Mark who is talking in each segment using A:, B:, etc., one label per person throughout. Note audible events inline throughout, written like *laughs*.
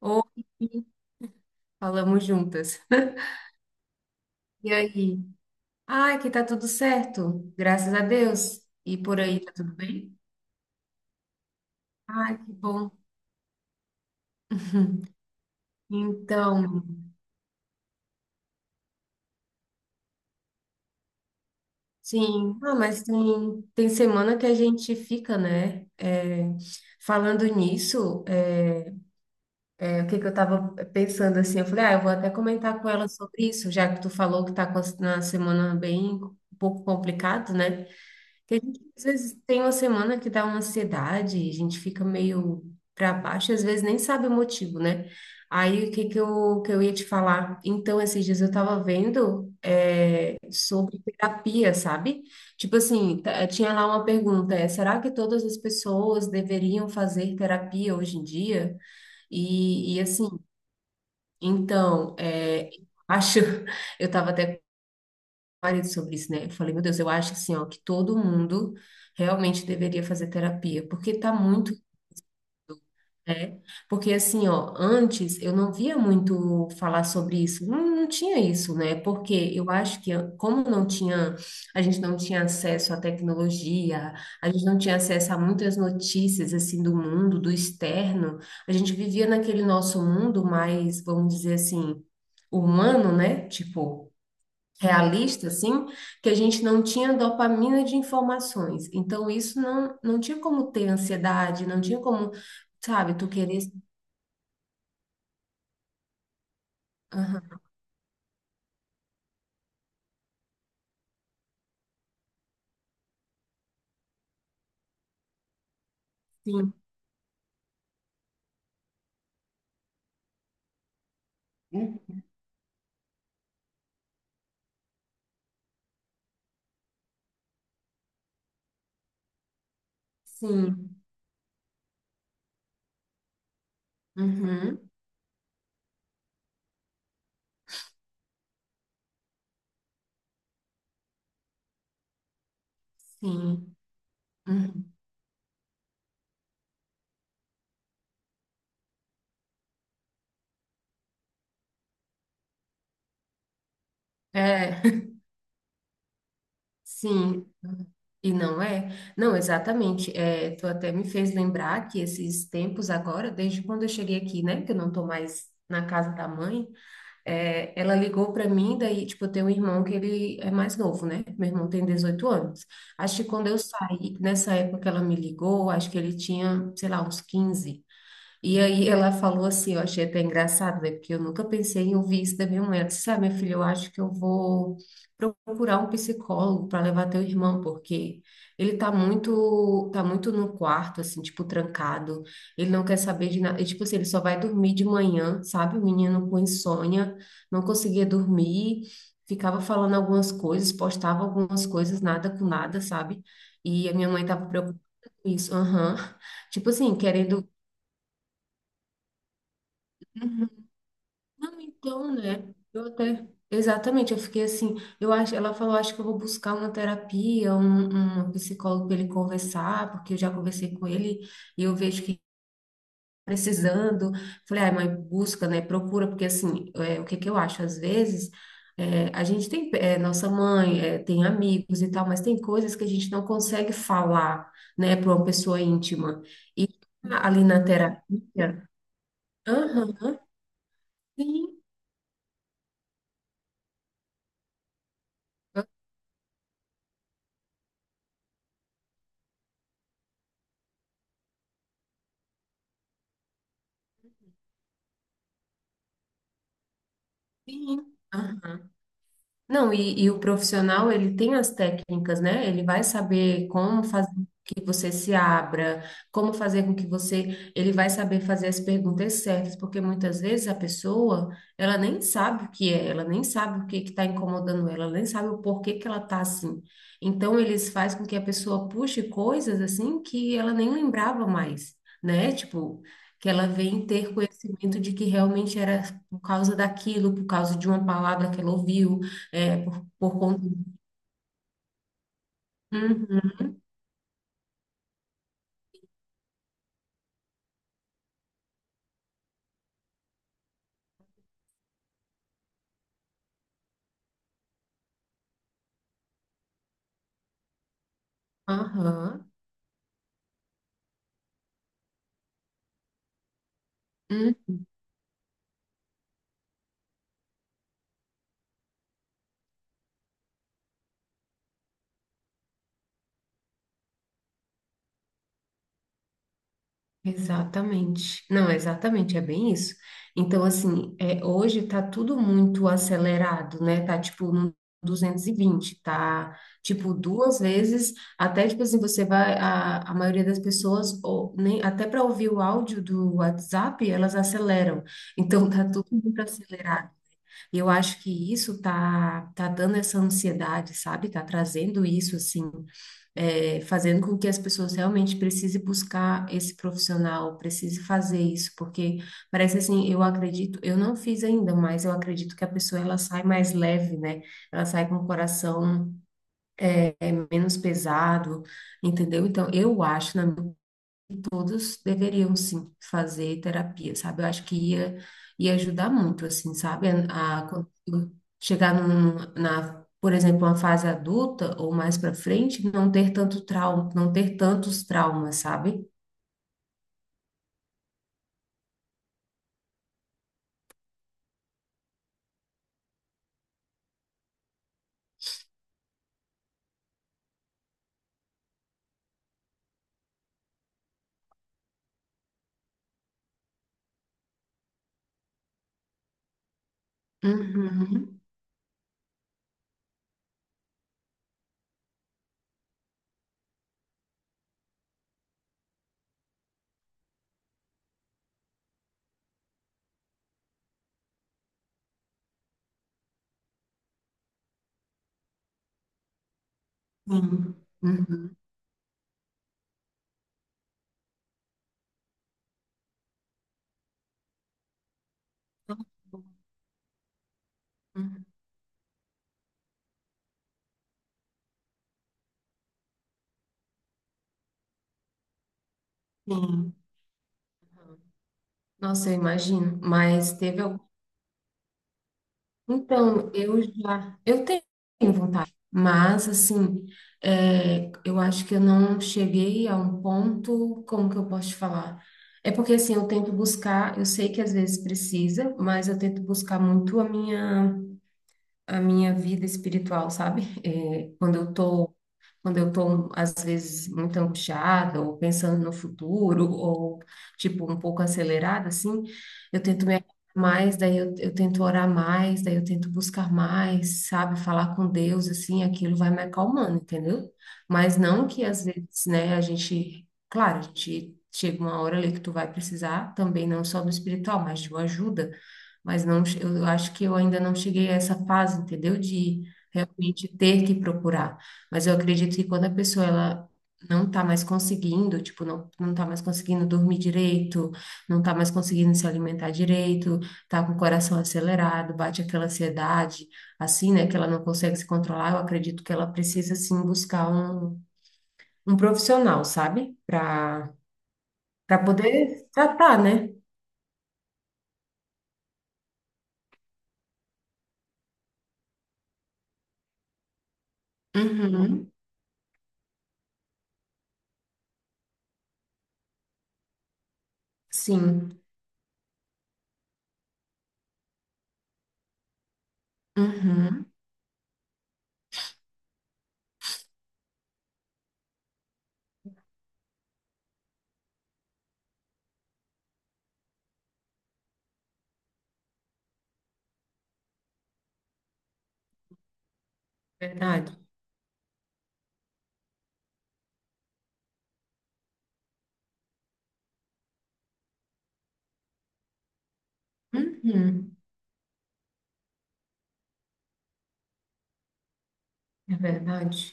A: Oi, falamos juntas. *laughs* E aí? Ah, aqui tá tudo certo, graças a Deus. E por aí, tá tudo bem? Ah, que bom. *laughs* Então, sim, ah, mas tem semana que a gente fica, né? É, falando nisso, é, o que que eu tava pensando assim, eu falei, ah, eu vou até comentar com ela sobre isso, já que tu falou que tá com na semana bem um pouco complicado, né? Porque a gente, às vezes tem uma semana que dá uma ansiedade, a gente fica meio para baixo, e às vezes nem sabe o motivo, né? Aí o que que que eu ia te falar? Então, esses dias eu estava vendo sobre terapia, sabe? Tipo assim, tinha lá uma pergunta, será que todas as pessoas deveriam fazer terapia hoje em dia? E assim, então, acho, *laughs* eu estava até marido sobre isso, né? Eu falei, meu Deus, eu acho assim, ó, que todo mundo realmente deveria fazer terapia, porque tá muito, né? Porque assim, ó, antes eu não via muito falar sobre isso, não, não tinha isso, né? Porque eu acho que como não tinha, a gente não tinha acesso à tecnologia, a gente não tinha acesso a muitas notícias assim do mundo, do externo, a gente vivia naquele nosso mundo mais, vamos dizer assim, humano, né? Tipo, realista, assim, que a gente não tinha dopamina de informações. Então, isso não, não tinha como ter ansiedade, não tinha como, sabe, tu querer. Aham, sim, né? Sim, uhum, sim, uhum. É, sim. E não é? Não, exatamente. É, tu até me fez lembrar que esses tempos agora, desde quando eu cheguei aqui, né, que eu não tô mais na casa da mãe. É, ela ligou para mim, daí, tipo, eu tenho um irmão que ele é mais novo, né? Meu irmão tem 18 anos. Acho que quando eu saí, nessa época que ela me ligou, acho que ele tinha, sei lá, uns 15, e aí ela falou assim, eu achei até engraçado, né? Porque eu nunca pensei em ouvir isso da minha mãe. Ela disse, ah, minha filha, eu acho que eu vou procurar um psicólogo para levar teu irmão, porque ele tá muito, tá muito no quarto, assim, tipo, trancado. Ele não quer saber de nada. E, tipo assim, ele só vai dormir de manhã, sabe? O menino com insônia, não conseguia dormir, ficava falando algumas coisas, postava algumas coisas, nada com nada, sabe? E a minha mãe tava preocupada com isso, aham. Tipo assim, querendo. Não, então, né? Eu até. Exatamente, eu fiquei assim. Eu acho, ela falou, acho que eu vou buscar uma terapia, um psicólogo para ele conversar, porque eu já conversei com ele e eu vejo que tá precisando. Falei, ai, mãe, busca, né? Procura, porque assim, é, o que que eu acho? Às vezes, é, a gente tem, é, nossa mãe, é, tem amigos e tal, mas tem coisas que a gente não consegue falar, né, para uma pessoa íntima. E ali na terapia, aham, sim, sim, aham. Não, e o profissional, ele tem as técnicas, né? Ele vai saber como fazer com que você se abra, como fazer com que você. Ele vai saber fazer as perguntas certas, porque muitas vezes a pessoa, ela nem sabe o que é, ela nem sabe o que que está incomodando ela, ela nem sabe o porquê que ela tá assim. Então, eles fazem com que a pessoa puxe coisas assim que ela nem lembrava mais, né? Tipo. Que ela vem ter conhecimento de que realmente era por causa daquilo, por causa de uma palavra que ela ouviu, é, por conta. Uhum, aham, uhum, exatamente. Não, exatamente, é bem isso. Então, assim, é, hoje tá tudo muito acelerado, né? Tá tipo no 220, tá tipo duas vezes. Até tipo assim, você vai. A maioria das pessoas, ou nem, até para ouvir o áudio do WhatsApp, elas aceleram. Então, tá tudo muito acelerado. E eu acho que isso tá dando essa ansiedade, sabe? Tá trazendo isso, assim, é, fazendo com que as pessoas realmente precisem buscar esse profissional, precise fazer isso, porque parece assim, eu acredito, eu não fiz ainda, mas eu acredito que a pessoa, ela sai mais leve, né? Ela sai com o coração menos pesado, entendeu? Então, eu acho, na minha todos deveriam sim fazer terapia, sabe? Eu acho que ia ajudar muito, assim, sabe? Quando chegar num, na, por exemplo, uma fase adulta ou mais para frente, não ter tanto trauma, não ter tantos traumas, sabe? Uhum, sim, uhum. Uhum. Sim. Nossa, eu imagino. Mas teve algum. Então, eu tenho vontade, mas assim, é, eu acho que eu não cheguei a um ponto, como que eu posso te falar? É porque assim, eu tento buscar, eu sei que às vezes precisa, mas eu tento buscar muito a minha vida espiritual, sabe? É, quando eu estou, às vezes, muito angustiada, ou pensando no futuro, ou, tipo, um pouco acelerada, assim, eu tento me acalmar mais, daí eu tento orar mais, daí eu tento buscar mais, sabe? Falar com Deus, assim, aquilo vai me acalmando, entendeu? Mas não que, às vezes, né, a gente, claro, a gente chega uma hora ali que tu vai precisar, também não só do espiritual, mas de uma ajuda, mas não, eu acho que eu ainda não cheguei a essa fase, entendeu? De realmente ter que procurar. Mas eu acredito que quando a pessoa ela não tá mais conseguindo, tipo, não, não tá mais conseguindo dormir direito, não tá mais conseguindo se alimentar direito, tá com o coração acelerado, bate aquela ansiedade, assim, né, que ela não consegue se controlar, eu acredito que ela precisa, assim, buscar um profissional, sabe? Pra poder tratar, né? Uhum, sim. Uhum, verdade. Uhum, é verdade.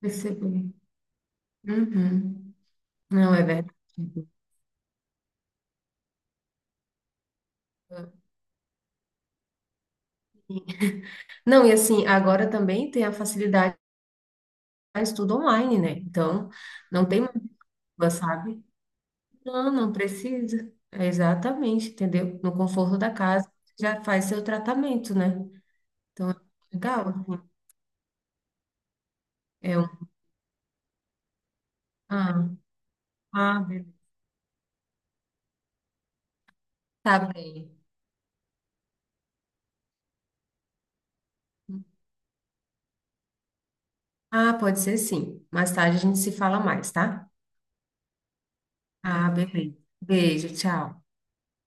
A: Percebi. Uhum, não é verdade. Não, e assim, agora também tem a facilidade de estudo online, né? Então, não tem mais, sabe? Não, não precisa. É exatamente, entendeu? No conforto da casa, já faz seu tratamento, né? Então, é legal, assim. É um... Ah, ah, beleza. Tá bem. Ah, pode ser sim. Mais tarde a gente se fala mais, tá? Ah, beleza. Beijo, tchau.